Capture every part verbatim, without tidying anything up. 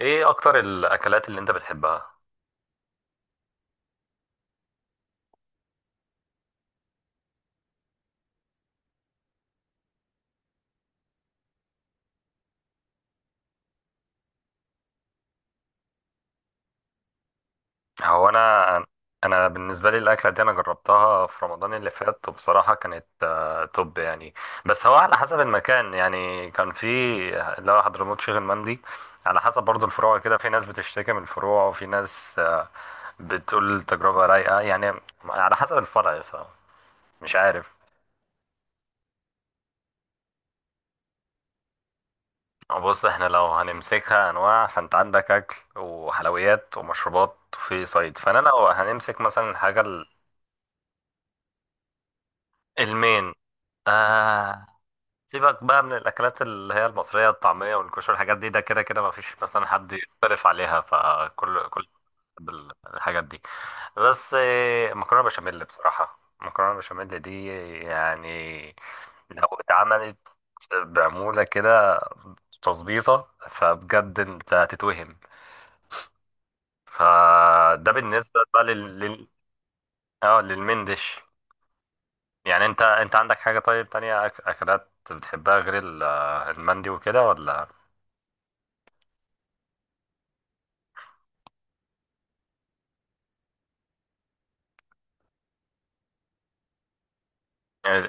ايه اكتر الاكلات اللي انت بتحبها؟ هو انا انا بالنسبه لي الاكله دي انا جربتها في رمضان اللي فات، وبصراحه كانت آه، توب يعني. بس هو على حسب المكان، يعني كان في اللي هو حضرموت شيخ المندي. على حسب برضو الفروع كده، في ناس بتشتكي من الفروع وفي ناس آه، بتقول التجربه رايقه يعني، على حسب الفرع. فمش عارف. بص، احنا لو هنمسكها انواع فانت عندك اكل وحلويات ومشروبات وفي صيد، فانا لو هنمسك مثلا حاجه. المين. آه. سيبك بقى من الأكلات اللي هي المصرية، الطعمية والكشري، الحاجات دي ده كده كده مفيش مثلا حد يختلف عليها، فكل كل بيحب ال- الحاجات دي. بس آه، مكرونة بشاميل، بصراحة مكرونة بشاميل دي يعني لو اتعملت بعمولة كده، تظبيطة، فبجد انت هتتوهم. فده بالنسبة بقى لل... لل... اه للمندش. يعني، انت انت عندك حاجة طيب تانية أك- أكلات بتحبها غير ال- المندي وكده ولا؟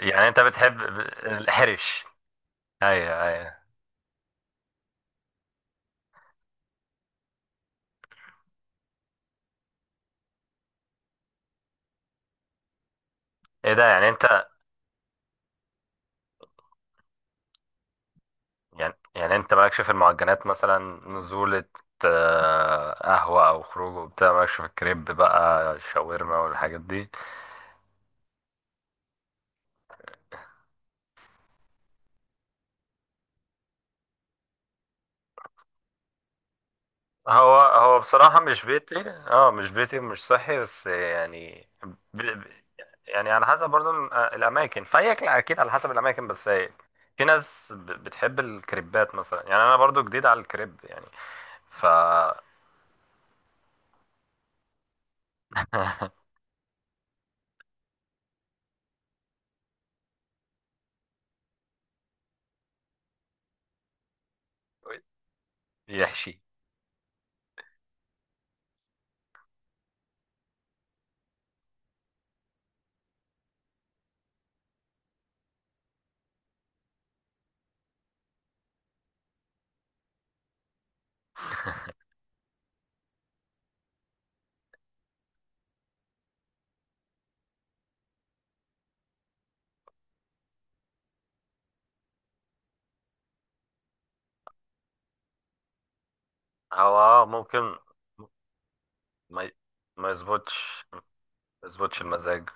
يعني انت بتحب الحرش؟ ايوه، ايوه. ايه ده، يعني انت يعني يعني انت مالكش في المعجنات مثلا، نزولة، آه، قهوة او خروج وبتاع، مالكش في الكريب بقى، الشاورما والحاجات دي. هو هو بصراحة مش بيتي، اه، مش بيتي، مش صحي، بس يعني ب... ب- يعني على حسب برضو ال- آه، الأماكن، فهي أكل أكيد على حسب الأماكن، بس هي في ناس ب- بتحب الكريبات مثلا، يعني أنا برضو جديد على الكريب يعني. ف يحشي. هو، اه، ممكن ما ي- ما يظبطش ما يظبطش المزاج.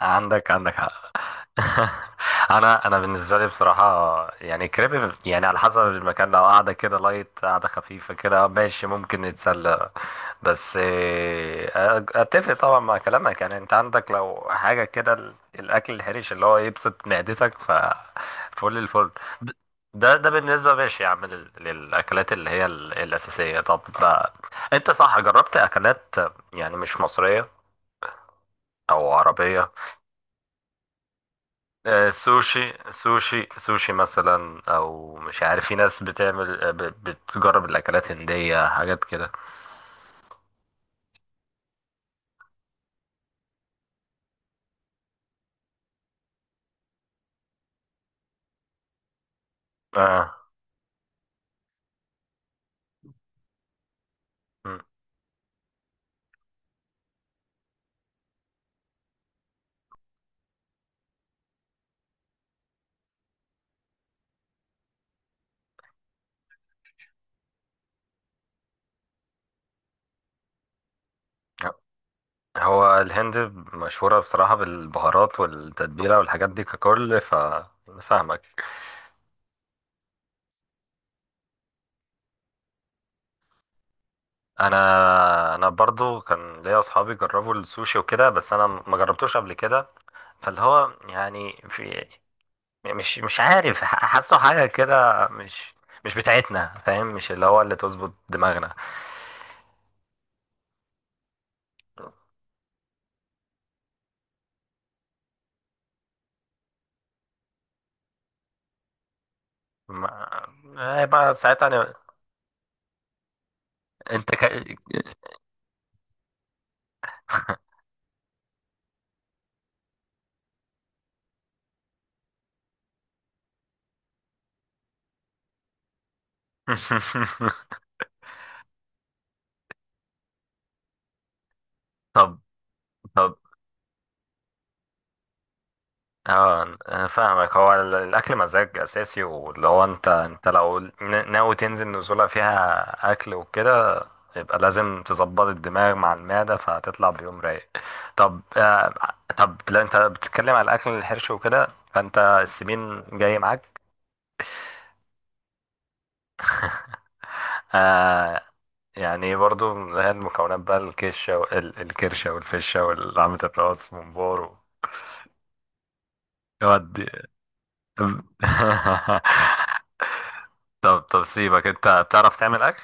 عندك عندك حق. انا انا بالنسبه لي بصراحه يعني كريب، يعني على حسب المكان، لو قاعده كده لايت، قاعده خفيفه كده، آه، ماشي ممكن نتسلى. بس إيه، اتفق طبعا مع كلامك. يعني انت عندك لو حاجه كده ال- الاكل الحرش اللي هو يبسط معدتك، ف فل الفل. د- ده ده بالنسبه، ماشي يا عم، لل- للاكلات اللي هي ال- الاساسيه. طب، آه، انت صح جربت اكلات، آه، يعني مش مصريه او عربيه؟ آه، سوشي سوشي سوشي مثلا، او مش عارف في ناس بتعمل، آه، ب- بتجرب الاكلات هندية، حاجات كده. اه. مم. هو الهند مشهورة بصراحة بالبهارات والتتبيلة والحاجات دي ككل، ف فاهمك. انا انا برضو كان ليا اصحابي جربوا السوشي وكده، بس انا ما جربتوش قبل كده، فاللي هو يعني في مش مش عارف، ح- حاسه حاجة كده، مش مش بتاعتنا، فاهم، مش اللي هو اللي تظبط دماغنا. ما... هيبقى ساعتها أنا... انت ك... طب طب، اه. انا فاهمك. هو ال- الاكل مزاج اساسي، واللي هو انت انت لو ن- ناوي تنزل نزوله فيها اكل وكده، يبقى لازم تظبط الدماغ مع المعده، فهتطلع بيوم رايق. طب آه طب لو انت بتتكلم على الاكل الحرش وكده، فانت السمين جاي معاك. آه. يعني برضو من هي المكونات بقى، الكشة وال- الكرشة والفشة والعمة الراس وممبار. يودي. طب طب سيبك، انت بتعرف تعمل اكل؟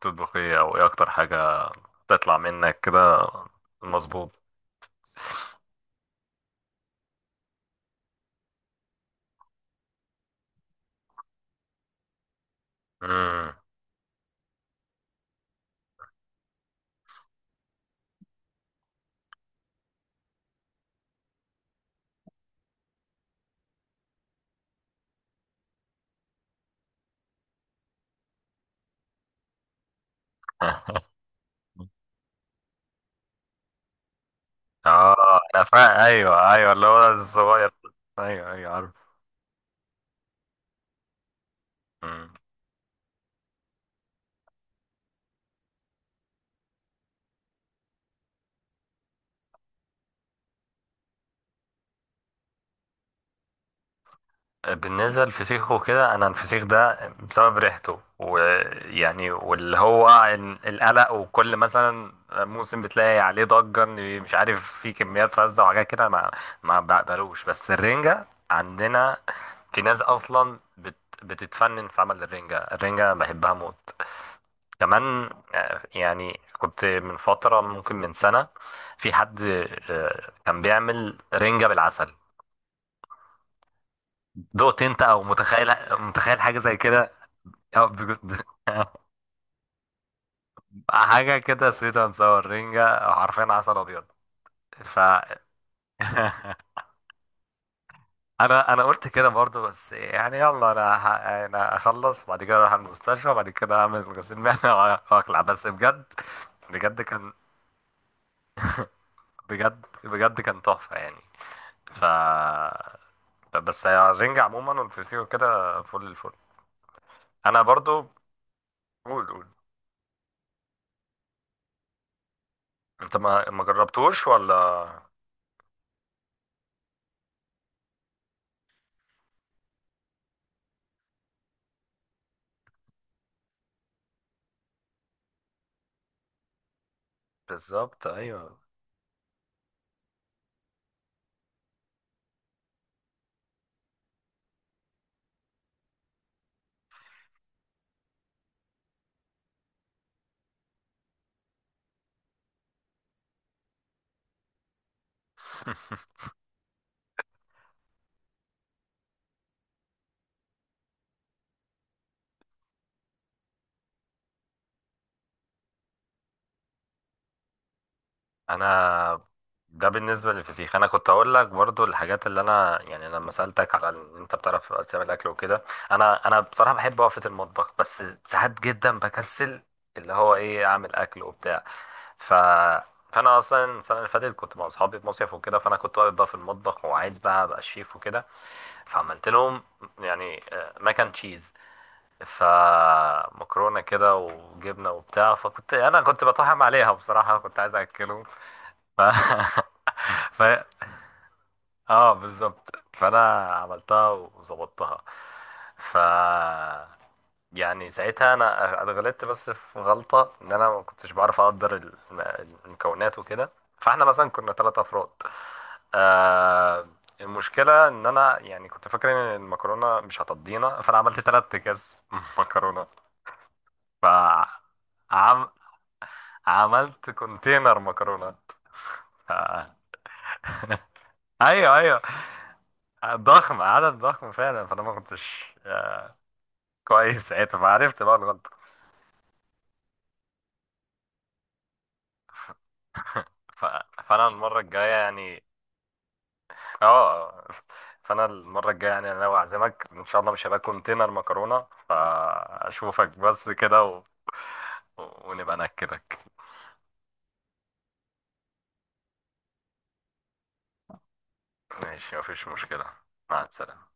تطبخ ايه، او ايه اكتر حاجة تطلع منك كده مظبوط؟ مم. اه. انا فا ايوه، ايوه، اللي هو الصغير. ايوه، ايوه، عارف. بالنسبة للفسيخ وكده، أنا الفسيخ ده بسبب ريحته ويعني واللي هو ال- القلق، وكل مثلا موسم بتلاقي عليه ضجة إن مش عارف في كميات فزة وحاجات كده، ما ما بقبلوش. بس الرنجة عندنا في ناس أصلا بت بتتفنن في عمل الرنجة. الرنجة بحبها موت كمان. آه، يعني كنت من فترة ممكن من سنة، في حد آه، كان بيعمل رنجة بالعسل. دقت انت او متخيل متخيل حاجة زي كده؟ أو بيكون- حاجة كده سويت اند ساور رينجا، حرفيا عسل أبيض. ف أنا أنا قلت كده برضو، بس يعني يلا، أنا ه... أنا أخلص وبعد كده أروح المستشفى، وبعد كده أعمل غسيل معدة، وأ- وأقلع. بس بجد، بجد كان بجد بجد كان تحفة يعني. ف بس الرنجة عموما والفسيخ كده، فل الفل. أنا برضو. قول، قول. أنت ما ما جربتوش ولا؟ بالظبط، أيوه. انا ده بالنسبه للفسيخ. انا كنت اقول لك برضو الحاجات، اللي انا يعني لما سالتك على ان انت بتعرف تعمل اكل وكده، انا انا بصراحه بحب وقفه المطبخ، بس ساعات جدا بكسل. اللي هو ايه، اعمل اكل وبتاع. ف فانا اصلا السنه اللي فاتت كنت مع اصحابي في مصيف وكده، فانا كنت واقف بقى في المطبخ وعايز بقى ابقى الشيف وكده. فعملت لهم يعني ماكن تشيز، فمكرونه كده وجبنه وبتاع، فكنت انا كنت بطحم عليها بصراحه، كنت عايز اكلهم. ف... ف اه، بالظبط، فانا عملتها وظبطتها. ف يعني ساعتها انا اتغلطت، بس في غلطه ان انا ما كنتش بعرف اقدر الم- المكونات وكده. فاحنا مثلا كنا ثلاثة افراد. آه المشكله ان انا يعني كنت فاكر ان المكرونه مش هتضينا، فانا عملت ثلاث اكياس مكرونه. ف عم... عملت كونتينر مكرونه. ف... ايوه، ايوه، ضخم، عدد ضخم فعلا. فانا ما كنتش آه، كويس ساعتها، فعرفت بقى الغلطه. ف... فانا المره الجايه يعني اه فانا المره الجايه يعني، انا لو اعزمك ان شاء الله مش هبقى كونتينر مكرونه، فاشوفك بس كده و... ونبقى ناكلك. ماشي، مفيش مشكله. مع السلامه.